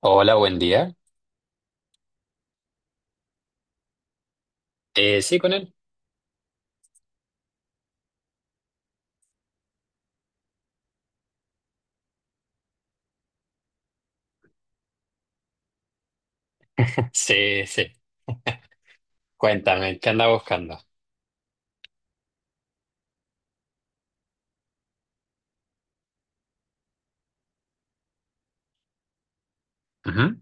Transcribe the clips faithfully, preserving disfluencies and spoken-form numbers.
Hola, buen día. Eh, sí, con él. Sí, sí. Cuéntame, ¿qué anda buscando? Ujú.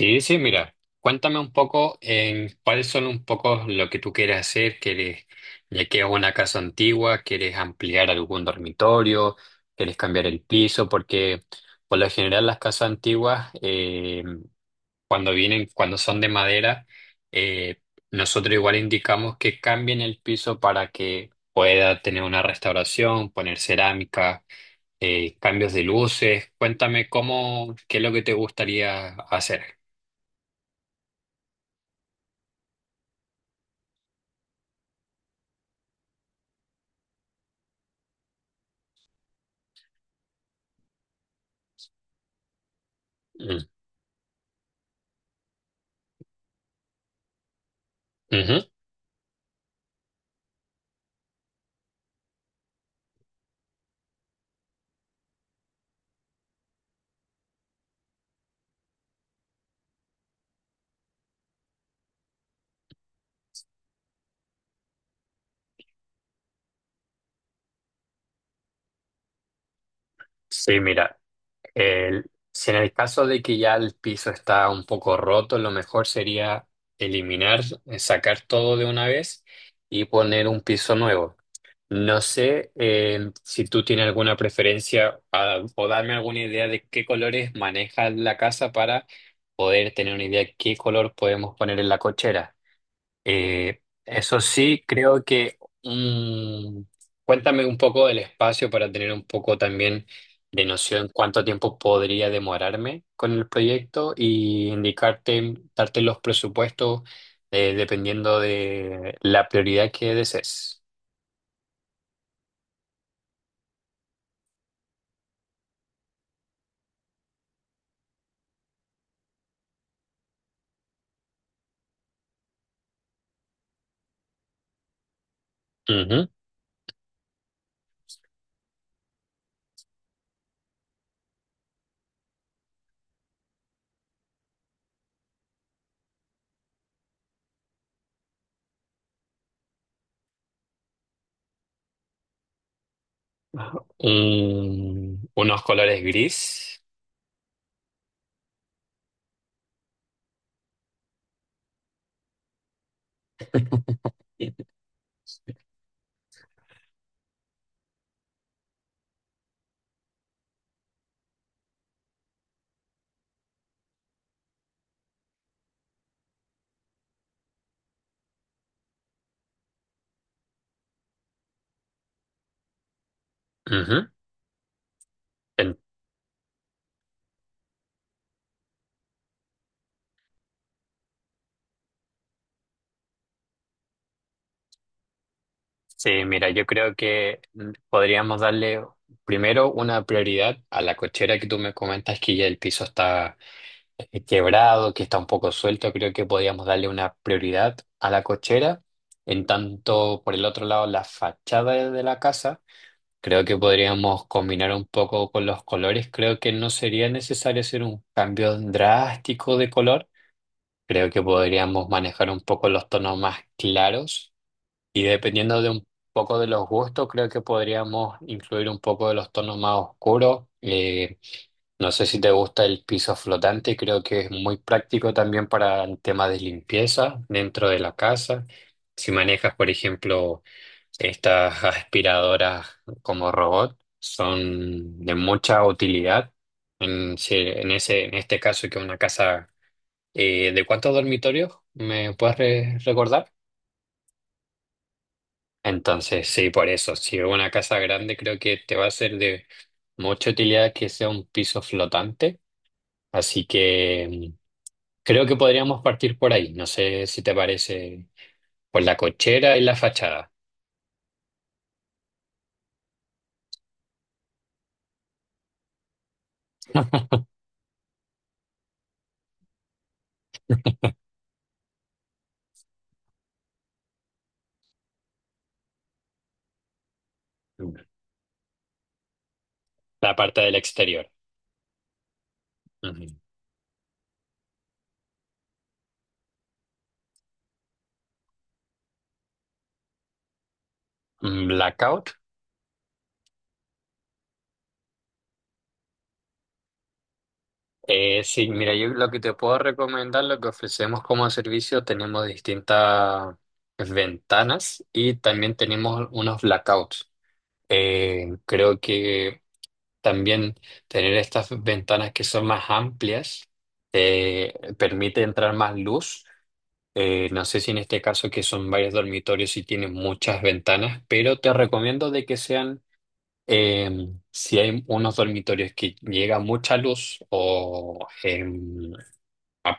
Sí, sí, mira, cuéntame un poco en cuáles son un poco lo que tú quieres hacer. ¿Quieres, ya que es una casa antigua, ¿quieres ampliar algún dormitorio? ¿Quieres cambiar el piso? Porque por lo general las casas antiguas, eh, cuando vienen, cuando son de madera, eh, nosotros igual indicamos que cambien el piso para que pueda tener una restauración, poner cerámica, eh, cambios de luces. Cuéntame cómo, qué es lo que te gustaría hacer. Mm, ujú. Sí, mira, el- si en el caso de que ya el piso está un poco roto, lo mejor sería eliminar, eh, sacar todo de una vez y poner un piso nuevo. No sé eh, si tú tienes alguna preferencia, ah, o darme alguna idea de qué colores maneja la casa para poder tener una idea de qué color podemos poner en la cochera. Eh, eso sí, creo que... Mm, cuéntame un poco del espacio para tener un poco también de noción cuánto tiempo podría demorarme con el proyecto y indicarte, darte los presupuestos, eh, dependiendo de la prioridad que desees. Ujú. Un- unos colores gris. Ujú. Sí, mira, yo creo que mm, podríamos darle primero una prioridad a la cochera que tú me comentas que ya el piso está eh, quebrado, que está un poco suelto. Creo que podríamos darle una prioridad a la cochera. En tanto, por el otro lado, la fachada de de la casa, creo que podríamos combinar un poco con los colores. Creo que no sería necesario hacer un cambio drástico de color. Creo que podríamos manejar un poco los tonos más claros. Y dependiendo de un poco de los gustos, creo que podríamos incluir un poco de los tonos más oscuros. Eh, no sé si te gusta el piso flotante, creo que es muy práctico también para el tema de limpieza dentro de la casa. Si manejas, por ejemplo, estas aspiradoras como robot, son de mucha utilidad. En, si- en ese, en este caso, que una casa eh, ¿de cuántos dormitorios me puedes re- recordar? Entonces, sí, por eso, si es una casa grande, creo que te va a ser de mucha utilidad que sea un piso flotante. Así que mm, creo que podríamos partir por ahí. No sé si te parece por la cochera y la fachada. Mm, la parte del exterior. Ujú. Mm, blackout. Eh, sí, mira, yo lo que te puedo recomendar, lo que ofrecemos como servicio, tenemos distintas ventanas y también tenemos unos blackouts. Eh, creo que también tener estas ventanas que son más amplias eh, permite entrar más luz. Eh, no sé si en este caso que son varios dormitorios y tienen muchas ventanas, pero te recomiendo de que sean, eh, si hay unos dormitorios que llega mucha luz o eh,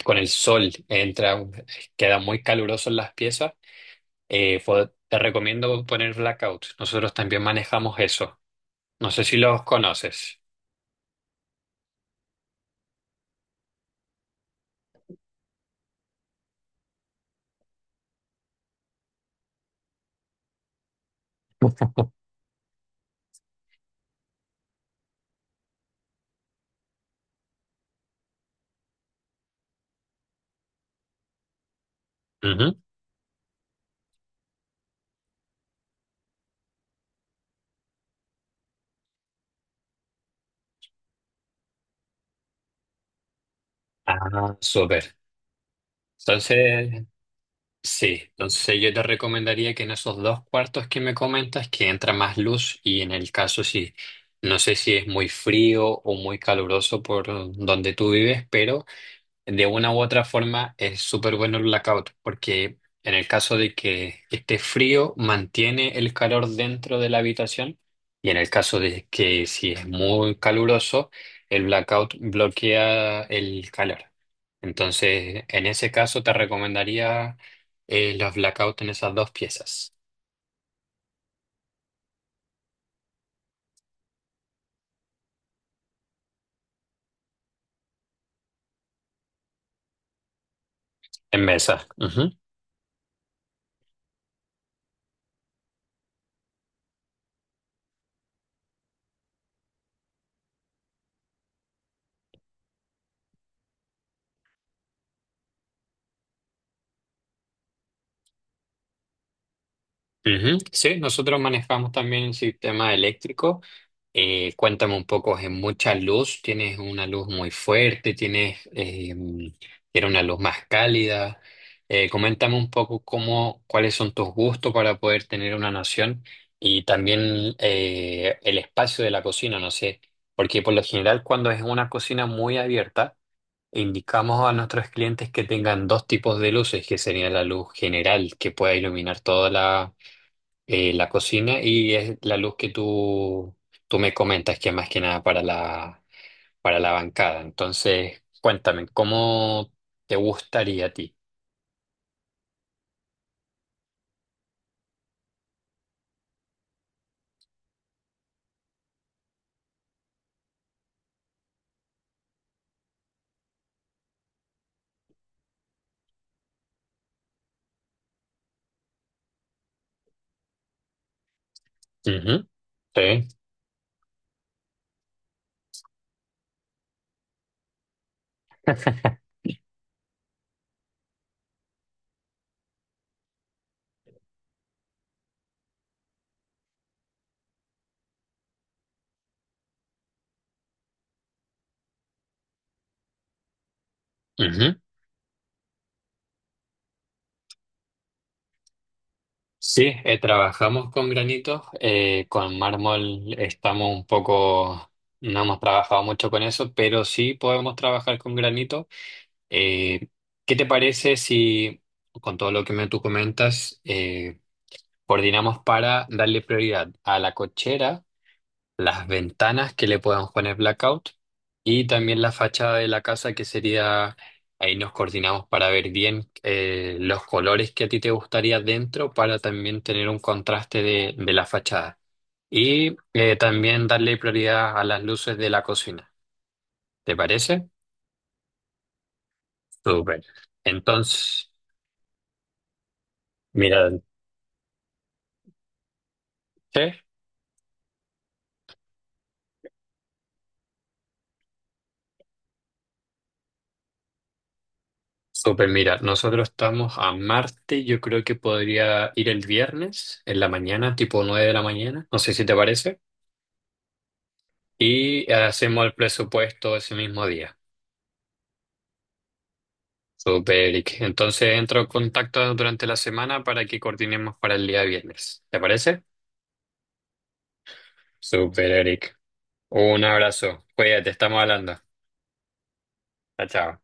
con el sol entra, queda muy caluroso en las piezas, eh, fo- te recomiendo poner blackout. Nosotros también manejamos eso. No sé si los conoces. Ah, súper. Entonces, sí, entonces yo te recomendaría que en esos dos cuartos que me comentas, que entra más luz y en el caso si, no sé si es muy frío o muy caluroso por donde tú vives, pero de una u otra forma es súper bueno el blackout, porque en el caso de que esté frío, mantiene el calor dentro de la habitación y en el caso de que si es muy caluroso, el blackout bloquea el calor. Entonces, en ese caso te recomendaría eh, los blackouts en esas dos piezas. En mesa. Ujú. Sí, nosotros manejamos también el sistema eléctrico. Eh, cuéntame un poco, ¿es mucha luz? ¿Tienes una luz muy fuerte? ¿Tienes eh, ¿quieres una luz más cálida? Eh, coméntame un poco cómo, cuáles son tus gustos para poder tener una noción y también eh, el espacio de la cocina, no sé, porque por lo general cuando es una cocina muy abierta, indicamos a nuestros clientes que tengan dos tipos de luces, que sería la luz general que pueda iluminar toda la eh, la cocina y es la luz que tú, tú me comentas, que es más que nada para la, para la bancada. Entonces, cuéntame, ¿cómo te gustaría a ti? Ujú. Sí, ujú. Sí, eh, trabajamos con granitos, eh, con mármol estamos un poco, no hemos trabajado mucho con eso, pero sí podemos trabajar con granito. Eh, ¿qué te parece si, con todo lo que me tú comentas, eh, coordinamos para darle prioridad a la cochera, las ventanas que le puedan poner blackout y también la fachada de la casa que sería, ahí nos coordinamos para ver bien eh, los colores que a ti te gustaría dentro para también tener un contraste de, de la fachada. Y eh, también darle prioridad a las luces de la cocina. ¿Te parece? Súper. Entonces, mira, ¿sí? Súper, mira, nosotros estamos a Marte, yo creo que podría ir el viernes en la mañana, tipo nueve de la mañana, no sé si te parece, y hacemos el presupuesto ese mismo día. Súper, Eric. Entonces entro en contacto durante la semana para que coordinemos para el día viernes. ¿Te parece? Súper, Eric. Un abrazo. Cuídate, estamos hablando. Chao, chao.